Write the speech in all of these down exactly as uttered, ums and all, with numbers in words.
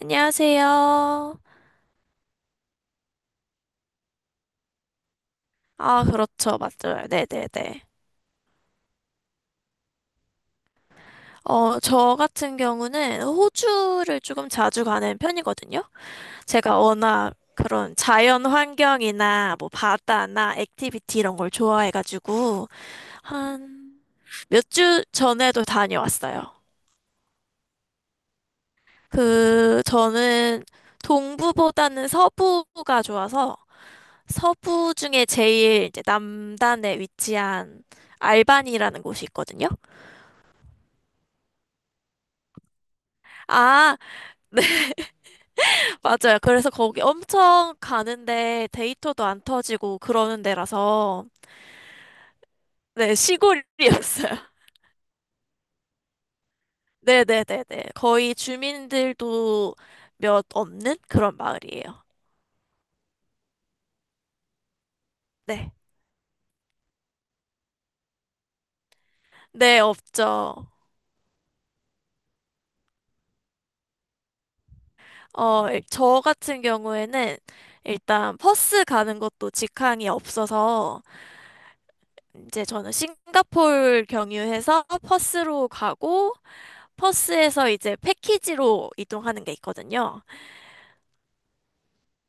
안녕하세요. 아, 그렇죠. 맞아요. 네네네. 어, 저 같은 경우는 호주를 조금 자주 가는 편이거든요. 제가 워낙 그런 자연 환경이나 뭐 바다나 액티비티 이런 걸 좋아해가지고 한 몇 주 전에도 다녀왔어요. 그, 저는 동부보다는 서부가 좋아서 서부 중에 제일 이제 남단에 위치한 알반이라는 곳이 있거든요. 아, 네, 맞아요. 그래서 거기 엄청 가는데 데이터도 안 터지고 그러는 데라서, 네, 시골이었어요. 네네네네. 거의 주민들도 몇 없는 그런 마을이에요. 네. 네, 없죠. 어, 일- 저 같은 경우에는 일단 버스 가는 것도 직항이 없어서 이제 저는 싱가폴 경유해서 버스로 가고 버스에서 이제 패키지로 이동하는 게 있거든요.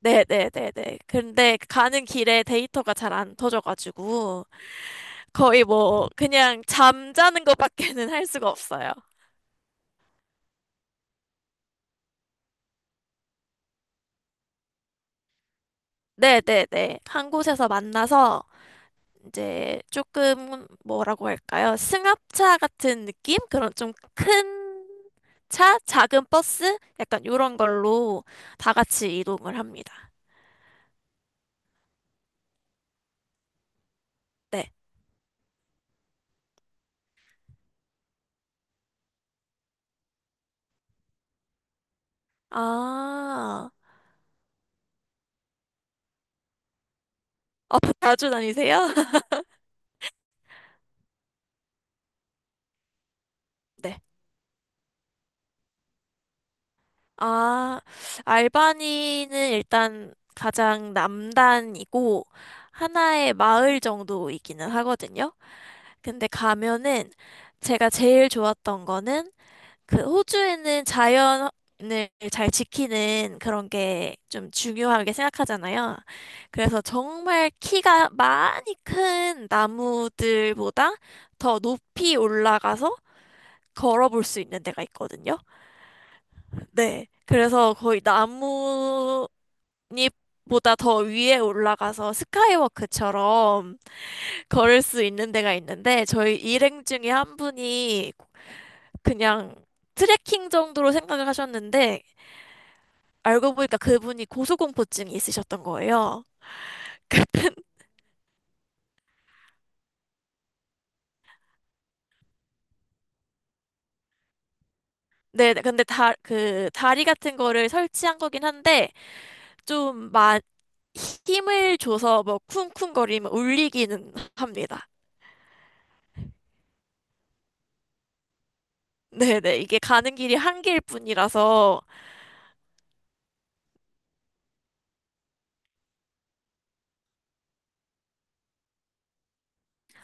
네네네네. 근데 가는 길에 데이터가 잘 안 터져가지고 거의 뭐 그냥 잠자는 것밖에는 할 수가 없어요. 네네네. 한 곳에서 만나서 이제 조금 뭐라고 할까요? 승합차 같은 느낌? 그런 좀 큰 차? 작은 버스? 약간 이런 걸로 다 같이 이동을 합니다. 네. 아, 아, 자주 다니세요? 네. 아, 알바니는 일단 가장 남단이고 하나의 마을 정도이기는 하거든요. 근데 가면은 제가 제일 좋았던 거는 그 호주에는 자연을 잘 지키는 그런 게 좀 중요하게 생각하잖아요. 그래서 정말 키가 많이 큰 나무들보다 더 높이 올라가서 걸어볼 수 있는 데가 있거든요. 네. 그래서 거의 나무 보다 더 위에 올라가서 스카이워크처럼 걸을 수 있는 데가 있는데 저희 일행 중에 한 분이 그냥 트레킹 정도로 생각을 하셨는데 알고 보니까 그분이 고소공포증이 있으셨던 거예요. 네, 근데 다, 그 다리 같은 거를 설치한 거긴 한데 좀 막 힘을 줘서 뭐 쿵쿵거리면 울리기는 합니다. 네네, 이게 가는 길이 한 길뿐이라서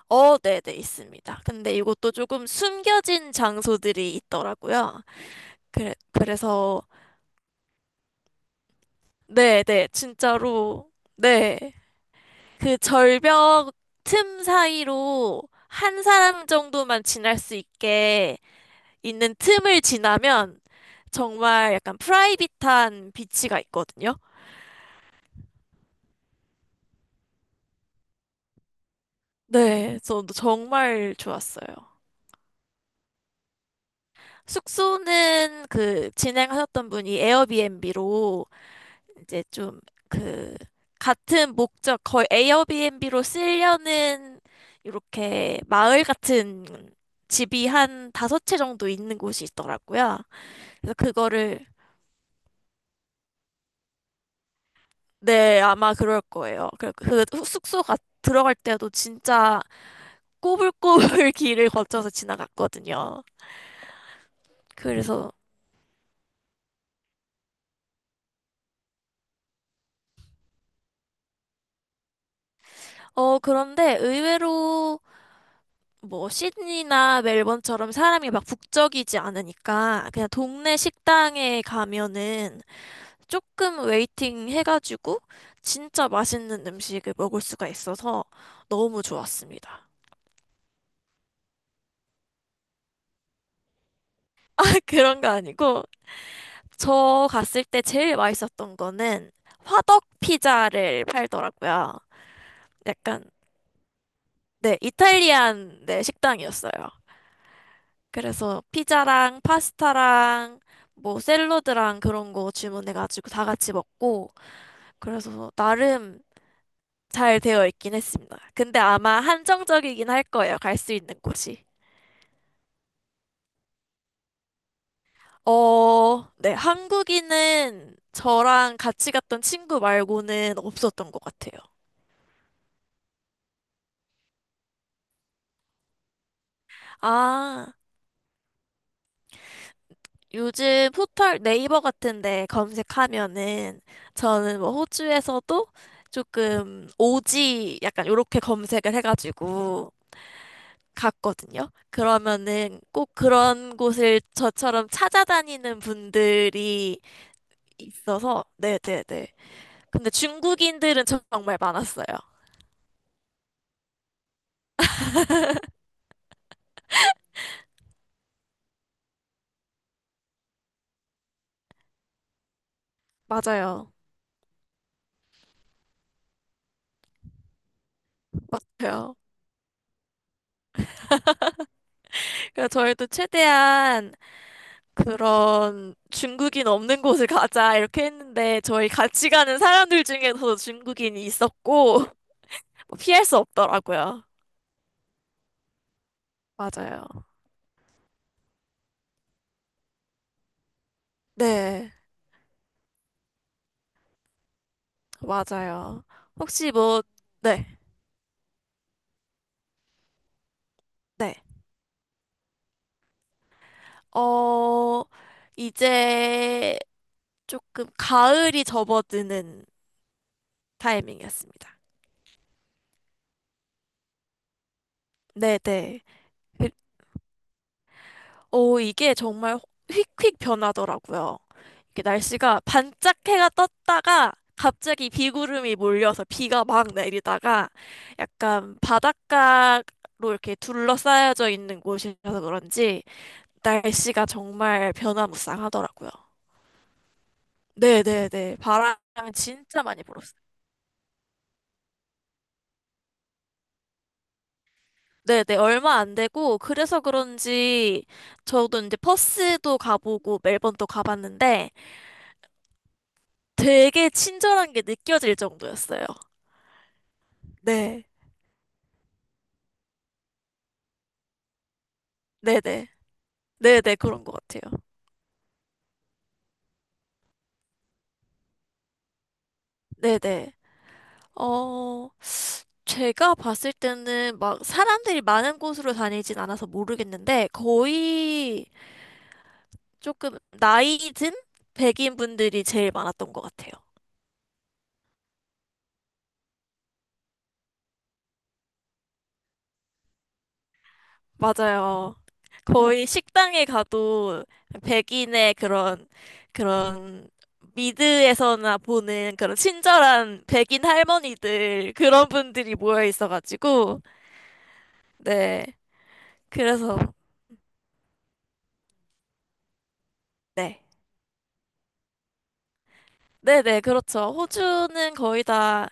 어, 네네, 있습니다. 근데 이것도 조금 숨겨진 장소들이 있더라고요. 그래, 그래서, 네네, 진짜로, 네. 그 절벽 틈 사이로 한 사람 정도만 지날 수 있게 있는 틈을 지나면 정말 약간 프라이빗한 비치가 있거든요. 네, 저도 정말 좋았어요. 숙소는 그 진행하셨던 분이 에어비앤비로 이제 좀 그 같은 목적 거의 에어비앤비로 쓰려는 이렇게 마을 같은 집이 한 다섯 채 정도 있는 곳이 있더라고요. 그래서 그거를 네, 아마 그럴 거예요. 그, 그 후- 숙소가 들어갈 때도 진짜 꼬불꼬불 길을 거쳐서 지나갔거든요. 그래서 어 그런데 의외로 뭐 시드니나 멜번처럼 사람이 막 북적이지 않으니까 그냥 동네 식당에 가면은 조금 웨이팅 해가지고 진짜 맛있는 음식을 먹을 수가 있어서 너무 좋았습니다. 그런 거 아니고 저 갔을 때 제일 맛있었던 거는 화덕 피자를 팔더라고요. 약간 네, 이탈리안 네, 식당이었어요. 그래서 피자랑 파스타랑 뭐 샐러드랑 그런 거 주문해가지고 다 같이 먹고 그래서 나름 잘 되어 있긴 했습니다. 근데 아마 한정적이긴 할 거예요. 갈 수 있는 곳이. 어, 네, 한국인은 저랑 같이 갔던 친구 말고는 없었던 것 같아요. 아, 요즘 포털 네이버 같은데 검색하면은 저는 뭐 호주에서도 조금 오지 약간 요렇게 검색을 해가지고 갔거든요. 그러면은 꼭 그런 곳을 저처럼 찾아다니는 분들이 있어서, 네네네. 근데 중국인들은 정말 많았어요. 맞아요. 맞아요. 그래서 저희도 최대한 그런 중국인 없는 곳을 가자 이렇게 했는데 저희 같이 가는 사람들 중에서도 중국인이 있었고 피할 수 없더라고요. 맞아요. 네, 맞아요. 혹시 뭐, 네, 네. 어, 이제 조금 가을이 접어드는 타이밍이었습니다. 네, 네. 오, 이게 정말 휙휙 변하더라고요. 이게 날씨가 반짝 해가 떴다가 갑자기 비구름이 몰려서 비가 막 내리다가 약간 바닷가로 이렇게 둘러싸여져 있는 곳이라서 그런지 날씨가 정말 변화무쌍하더라고요. 네네네. 바람 진짜 많이 불었어요. 네네. 얼마 안 되고 그래서 그런지 저도 이제 퍼스도 가보고 멜번도 가봤는데 되게 친절한 게 느껴질 정도였어요. 네, 네네. 네네, 그런 것 같아요. 네네. 어, 제가 봤을 때는 막 사람들이 많은 곳으로 다니진 않아서 모르겠는데, 거의 조금 나이 든 백인 분들이 제일 많았던 것 같아요. 맞아요. 음. 거의 식당에 가도 백인의 그런, 그런, 미드에서나 보는 그런 친절한 백인 할머니들, 그런 분들이 모여 있어가지고, 네. 그래서, 네. 네네, 그렇죠. 호주는 거의 다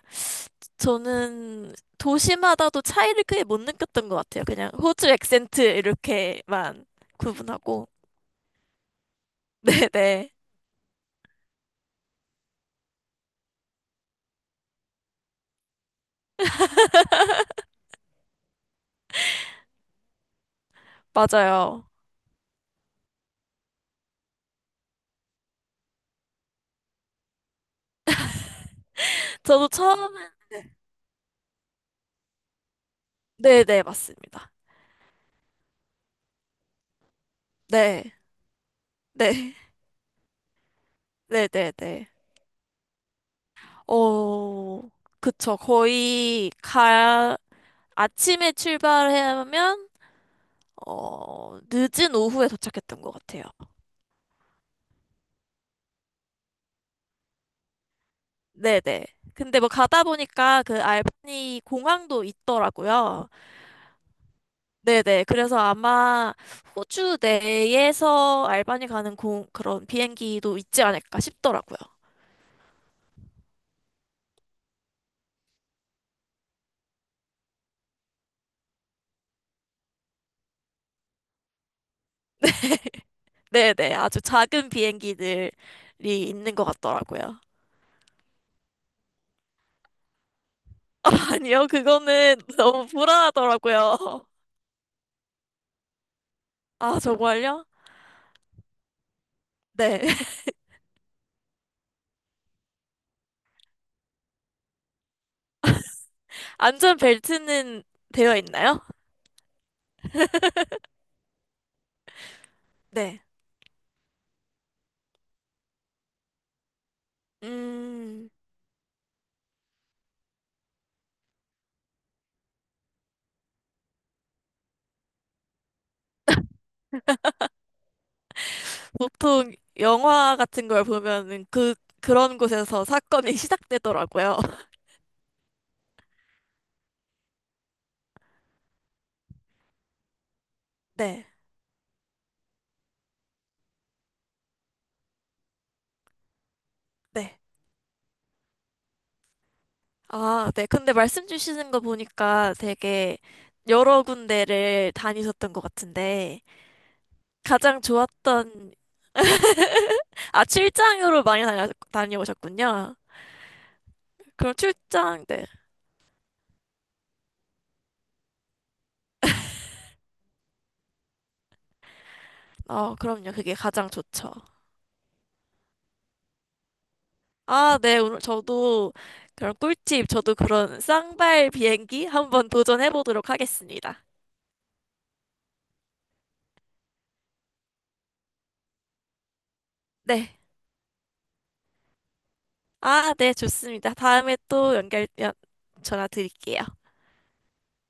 저는 도시마다도 차이를 크게 못 느꼈던 것 같아요. 그냥 호주 액센트 이렇게만 구분하고. 네네, 맞아요. 저도 처음엔, 네네, 맞습니다. 네, 네, 네네네. 어, 그쵸. 거의 가, 아침에 출발하면, 어, 늦은 오후에 도착했던 것 같아요. 네네. 근데 뭐 가다 보니까 그 알바니 공항도 있더라고요. 네네. 그래서 아마 호주 내에서 알바니 가는 공, 그런 비행기도 있지 않을까 싶더라고요. 네네. 아주 작은 비행기들이 있는 것 같더라고요. 아니요. 그거는 너무 불안하더라고요. 아, 정말요? 네. 안전벨트는 되어 있나요? 네. 음. 보통 영화 같은 걸 보면은 그, 그런 곳에서 사건이 시작되더라고요. 네, 네. 아, 네. 근데 말씀 주시는 거 보니까 되게 여러 군데를 다니셨던 것 같은데, 가장 좋았던, 아, 출장으로 많이 다녀, 다녀오셨군요. 그럼 출장, 네. 어, 그럼요. 그게 가장 좋죠. 아, 네. 오늘 저도 그런 꿀팁, 저도 그런 쌍발 비행기 한번 도전해 보도록 하겠습니다. 네. 아, 네, 좋습니다. 다음에 또 연결, 연, 전화 드릴게요.